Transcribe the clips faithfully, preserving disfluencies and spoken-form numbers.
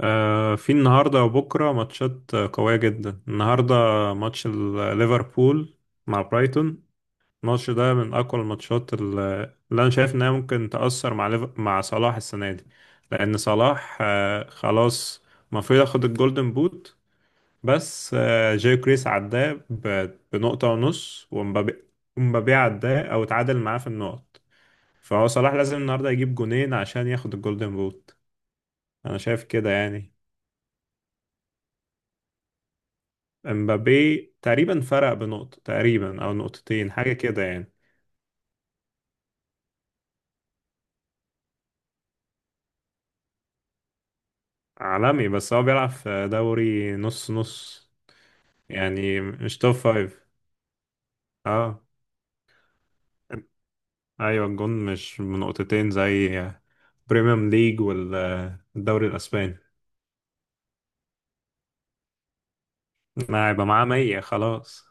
آه، في النهارده وبكره ماتشات، آه، قويه جدا النهارده. ماتش ال- ليفربول مع برايتون. الماتش ده من اقوى الماتشات ال- اللي انا شايف انها ممكن تاثر مع ليف- مع صلاح السنه دي. لان صلاح آه، خلاص، المفروض ياخد الجولدن بوت. بس آه، جاي كريس عداه ب- بنقطه ونص ومبابي ومبابي عداه او اتعادل معاه في النقط. فهو صلاح لازم النهارده يجيب جونين عشان ياخد الجولدن بوت. انا شايف كده يعني. امبابي تقريبا فرق بنقطة تقريبا او نقطتين، حاجة كده يعني. عالمي، بس هو بيلعب في دوري نص نص. يعني مش توب فايف. اه. ايوه الجون مش بنقطتين زي بريميوم ليج والدوري الاسباني. ما هيبقى معاه مية خلاص.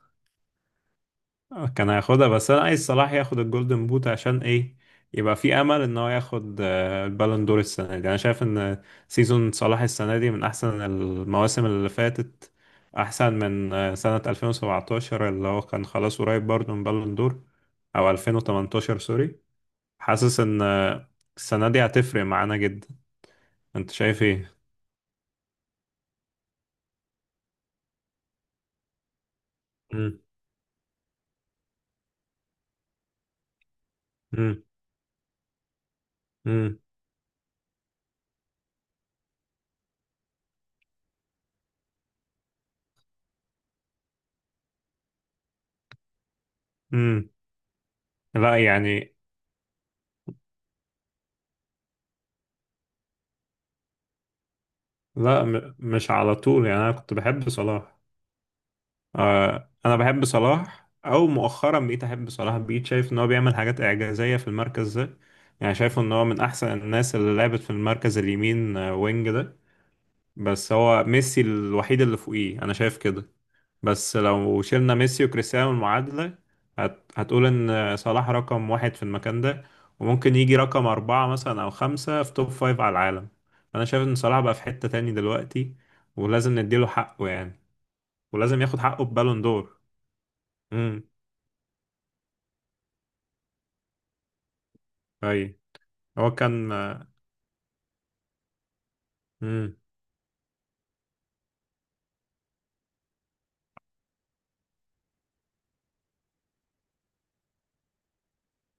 آه، كان هياخدها، بس انا عايز صلاح ياخد الجولدن بوت عشان ايه. يبقى في امل ان هو ياخد آه، البالون دور السنه دي. انا شايف ان سيزون صلاح السنه دي من احسن المواسم اللي فاتت. احسن من آه، سنه ألفين وسبعتاشر اللي هو كان خلاص قريب برضه من بالون دور. او ألفين وتمنتاشر، سوري. حاسس ان آه، السنه دي هتفرق معانا جدا. انت شايف ايه؟ مم. مم. مم. مم. لا يعني. لا، م- مش على طول يعني. انا كنت بحب صلاح. آه، انا بحب صلاح، او مؤخرا بقيت احب صلاح، بقيت شايف ان هو بيعمل حاجات اعجازيه في المركز ده. يعني شايف ان هو من احسن الناس اللي لعبت في المركز اليمين آه، وينج ده. بس هو ميسي الوحيد اللي فوقيه، انا شايف كده. بس لو شلنا ميسي وكريستيانو المعادله، هت... هتقول ان آه، صلاح رقم واحد في المكان ده. وممكن يجي رقم اربعه مثلا او خمسه في توب فايف على العالم. انا شايف ان صلاح بقى في حته تاني دلوقتي. ولازم نديله حقه يعني. ولازم ياخد حقه ببالون دور. اي. هو كان آه، مم.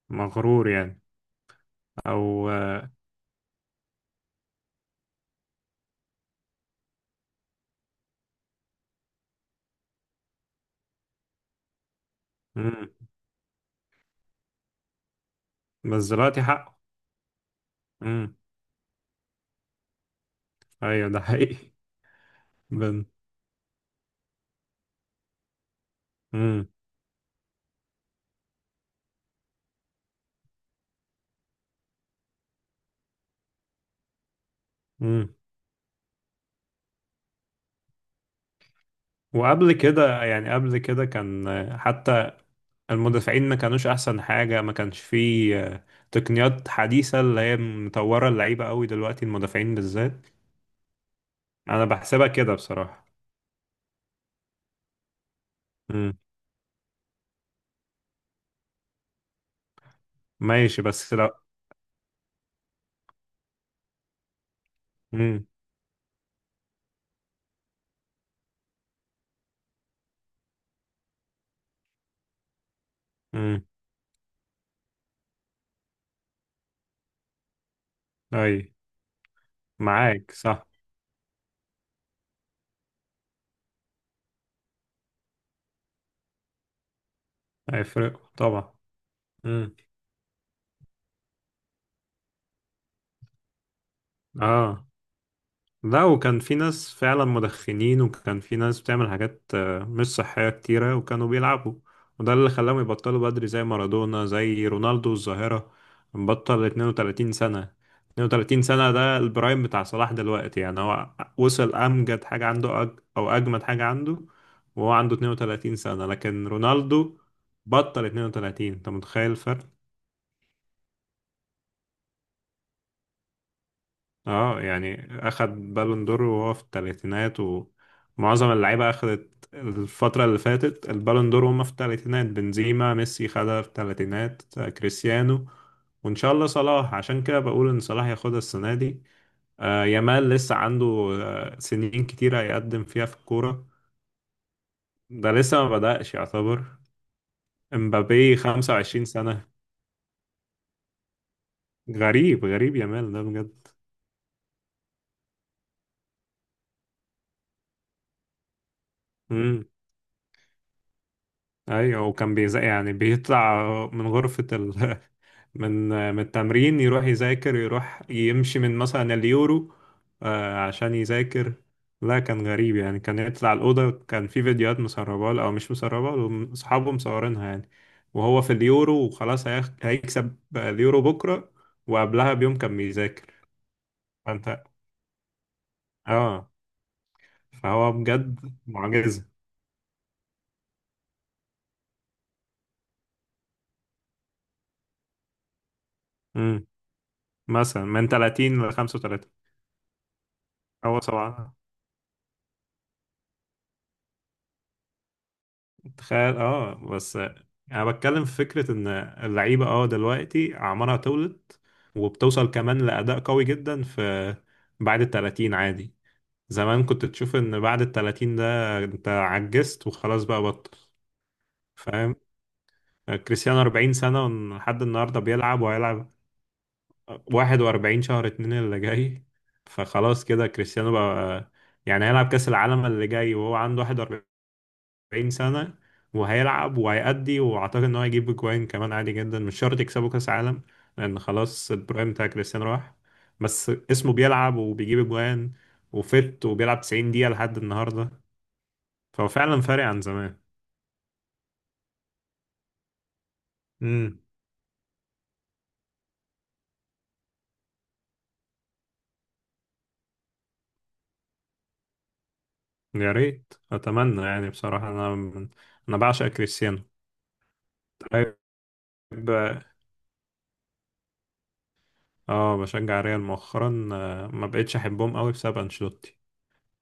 مغرور يعني. او آه، مم. بس دلوقتي حقه. مم. ايوه ده حقيقي. بن. مم. مم. وقبل كده، يعني قبل كده كان آه، حتى المدافعين ما كانوش احسن حاجة. ما كانش فيه آه، تقنيات حديثة اللي هي مطورة اللعيبة قوي دلوقتي، المدافعين بالذات. انا بحسبها كده بصراحة. مم. ماشي، بس لو. مم. مم. اي. معاك صح. هيفرق طبعا. مم. اه. لا، وكان في ناس فعلا مدخنين، وكان في ناس بتعمل حاجات آه، مش صحية كتيرة وكانوا بيلعبوا. وده اللي خلاهم يبطلوا بدري، زي مارادونا، زي رونالدو الظاهرة. بطل اتنين وتلاتين سنة. اثنين وثلاثين سنة ده البرايم بتاع صلاح دلوقتي يعني هو. وصل أمجد حاجة عنده، أج أو أجمد حاجة عنده. وهو عنده اثنين وثلاثين سنة، لكن رونالدو بطل اثنين وثلاثين. أنت متخيل الفرق؟ اه. يعني اخد بالون دور وهو في الثلاثينات، ومعظم اللعيبه اخدت الفتره اللي فاتت البالون دور وهم في الثلاثينات. بنزيما، ميسي خدها في الثلاثينات، كريستيانو. وان شاء الله صلاح، عشان كده بقول ان صلاح ياخدها السنه دي. آه يامال لسه عنده آه سنين كتيره يقدم فيها في الكوره. ده لسه ما بدأش يعتبر. امبابي خمسة وعشرين سنه. غريب غريب يامال، ده بجد. امم. ايوه، وكان بيز يعني بيطلع من غرفة ال. من من التمرين يروح يذاكر، يروح يمشي من مثلا اليورو آه، عشان يذاكر. لا كان غريب يعني، كان يطلع الأوضة، كان في فيديوهات مسربة له، أو مش مسربة له، أصحابه مصورينها يعني. وهو في اليورو وخلاص هيخ- هيكسب اليورو بكرة، وقبلها بيوم كان بيذاكر. فأنت. اه. فهو بجد معجزة. مم. مثلا من تلاتين ل خمسة وتلاتين. هو سبعة. تخيل. اه بس انا بتكلم في فكره ان اللعيبه اه دلوقتي اعمارها تولد وبتوصل كمان لاداء قوي جدا في بعد ال تلاتين عادي. زمان كنت تشوف ان بعد ال تلاتين ده انت عجزت وخلاص بقى بطل. فاهم. كريستيانو أربعين سنه لحد النهارده بيلعب وهيلعب. واحد وأربعين شهر اتنين اللي جاي، فخلاص كده كريستيانو بقى. يعني هيلعب كاس العالم اللي جاي وهو عنده واحد وأربعين، أربعين سنة. وهيلعب وهيأدي، وأعتقد إن هو هيجيب أجوان كمان عادي جدا، مش شرط يكسبوا كأس عالم. لأن خلاص البرايم بتاع كريستيانو راح. بس اسمه بيلعب وبيجيب أجوان، وفت وبيلعب تسعين دقيقة لحد النهاردة. فهو فعلا فارق عن زمان. امم. يا ريت، أتمنى يعني بصراحة. أنا من... أنا بعشق كريستيانو. طيب. اه بشجع ريال مؤخرا، آه، ما بقتش أحبهم قوي بسبب أنشيلوتي.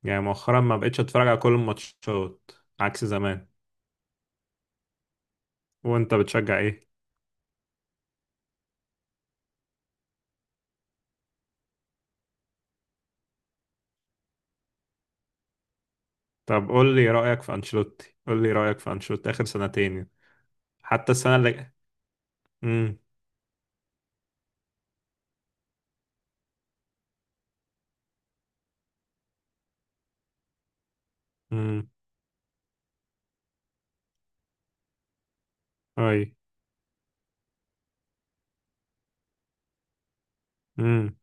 يعني مؤخرا ما بقتش أتفرج على كل الماتشات عكس زمان. وأنت بتشجع إيه؟ طب قول لي رأيك في أنشيلوتي، قول لي رأيك في أنشيلوتي آخر سنتين يعني. حتى السنة اللي. امم. امم. اي. امم.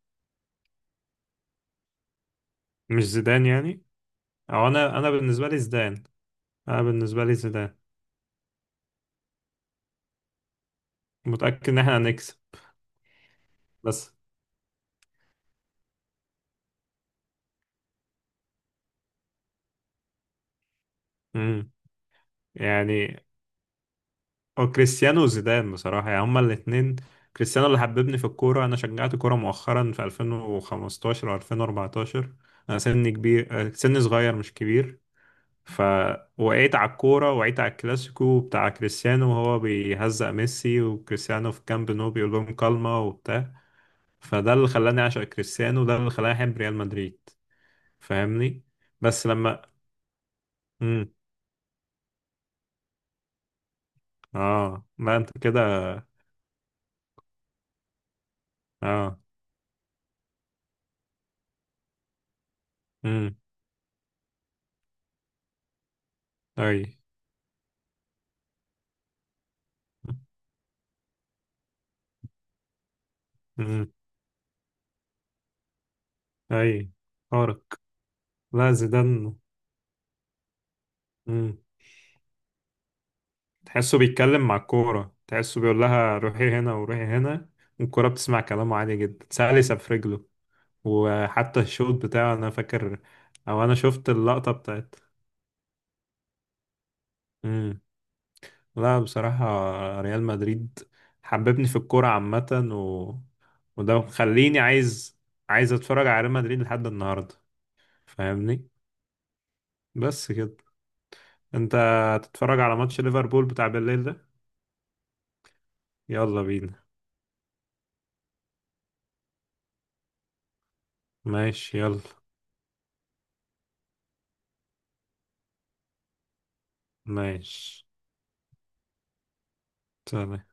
مش زيدان يعني. او انا انا بالنسبة لي زيدان. انا بالنسبة لي زيدان، متأكد ان احنا هنكسب بس. امم. يعني. او كريستيانو وزيدان بصراحة، يعني هما الاتنين. كريستيانو اللي حببني في الكورة. انا شجعت كورة مؤخرا في ألفين وخمستاشر او ألفين واربعتاشر. انا سني كبير، آه، سني صغير مش كبير. فوقعت على الكورة، وقعت على الكلاسيكو بتاع كريستيانو وهو بيهزق ميسي، وكريستيانو في كامب نو بيقول لهم كلمة وبتاع. فده اللي خلاني أعشق كريستيانو، وده اللي خلاني أحب ريال مدريد. فاهمني. بس لما. مم. اه لا انت كده. اه. امم. اي. امم. اي. فارق. لا زيدان. امم. تحسه بيتكلم مع الكورة، تحسه بيقول لها روحي هنا وروحي هنا. والكورة بتسمع كلامه عادي جدا، سهل يسفرجله. وحتى الشوط بتاعه انا فاكر. او انا شفت اللقطة بتاعت. مم. لا بصراحة، ريال مدريد حببني في الكورة عامة. و... وده مخليني عايز عايز اتفرج على ريال مدريد لحد النهاردة. فاهمني. بس كده. انت هتتفرج على ماتش ليفربول بتاع بالليل ده؟ يلا بينا. ماشي يلا. ماشي. سلام.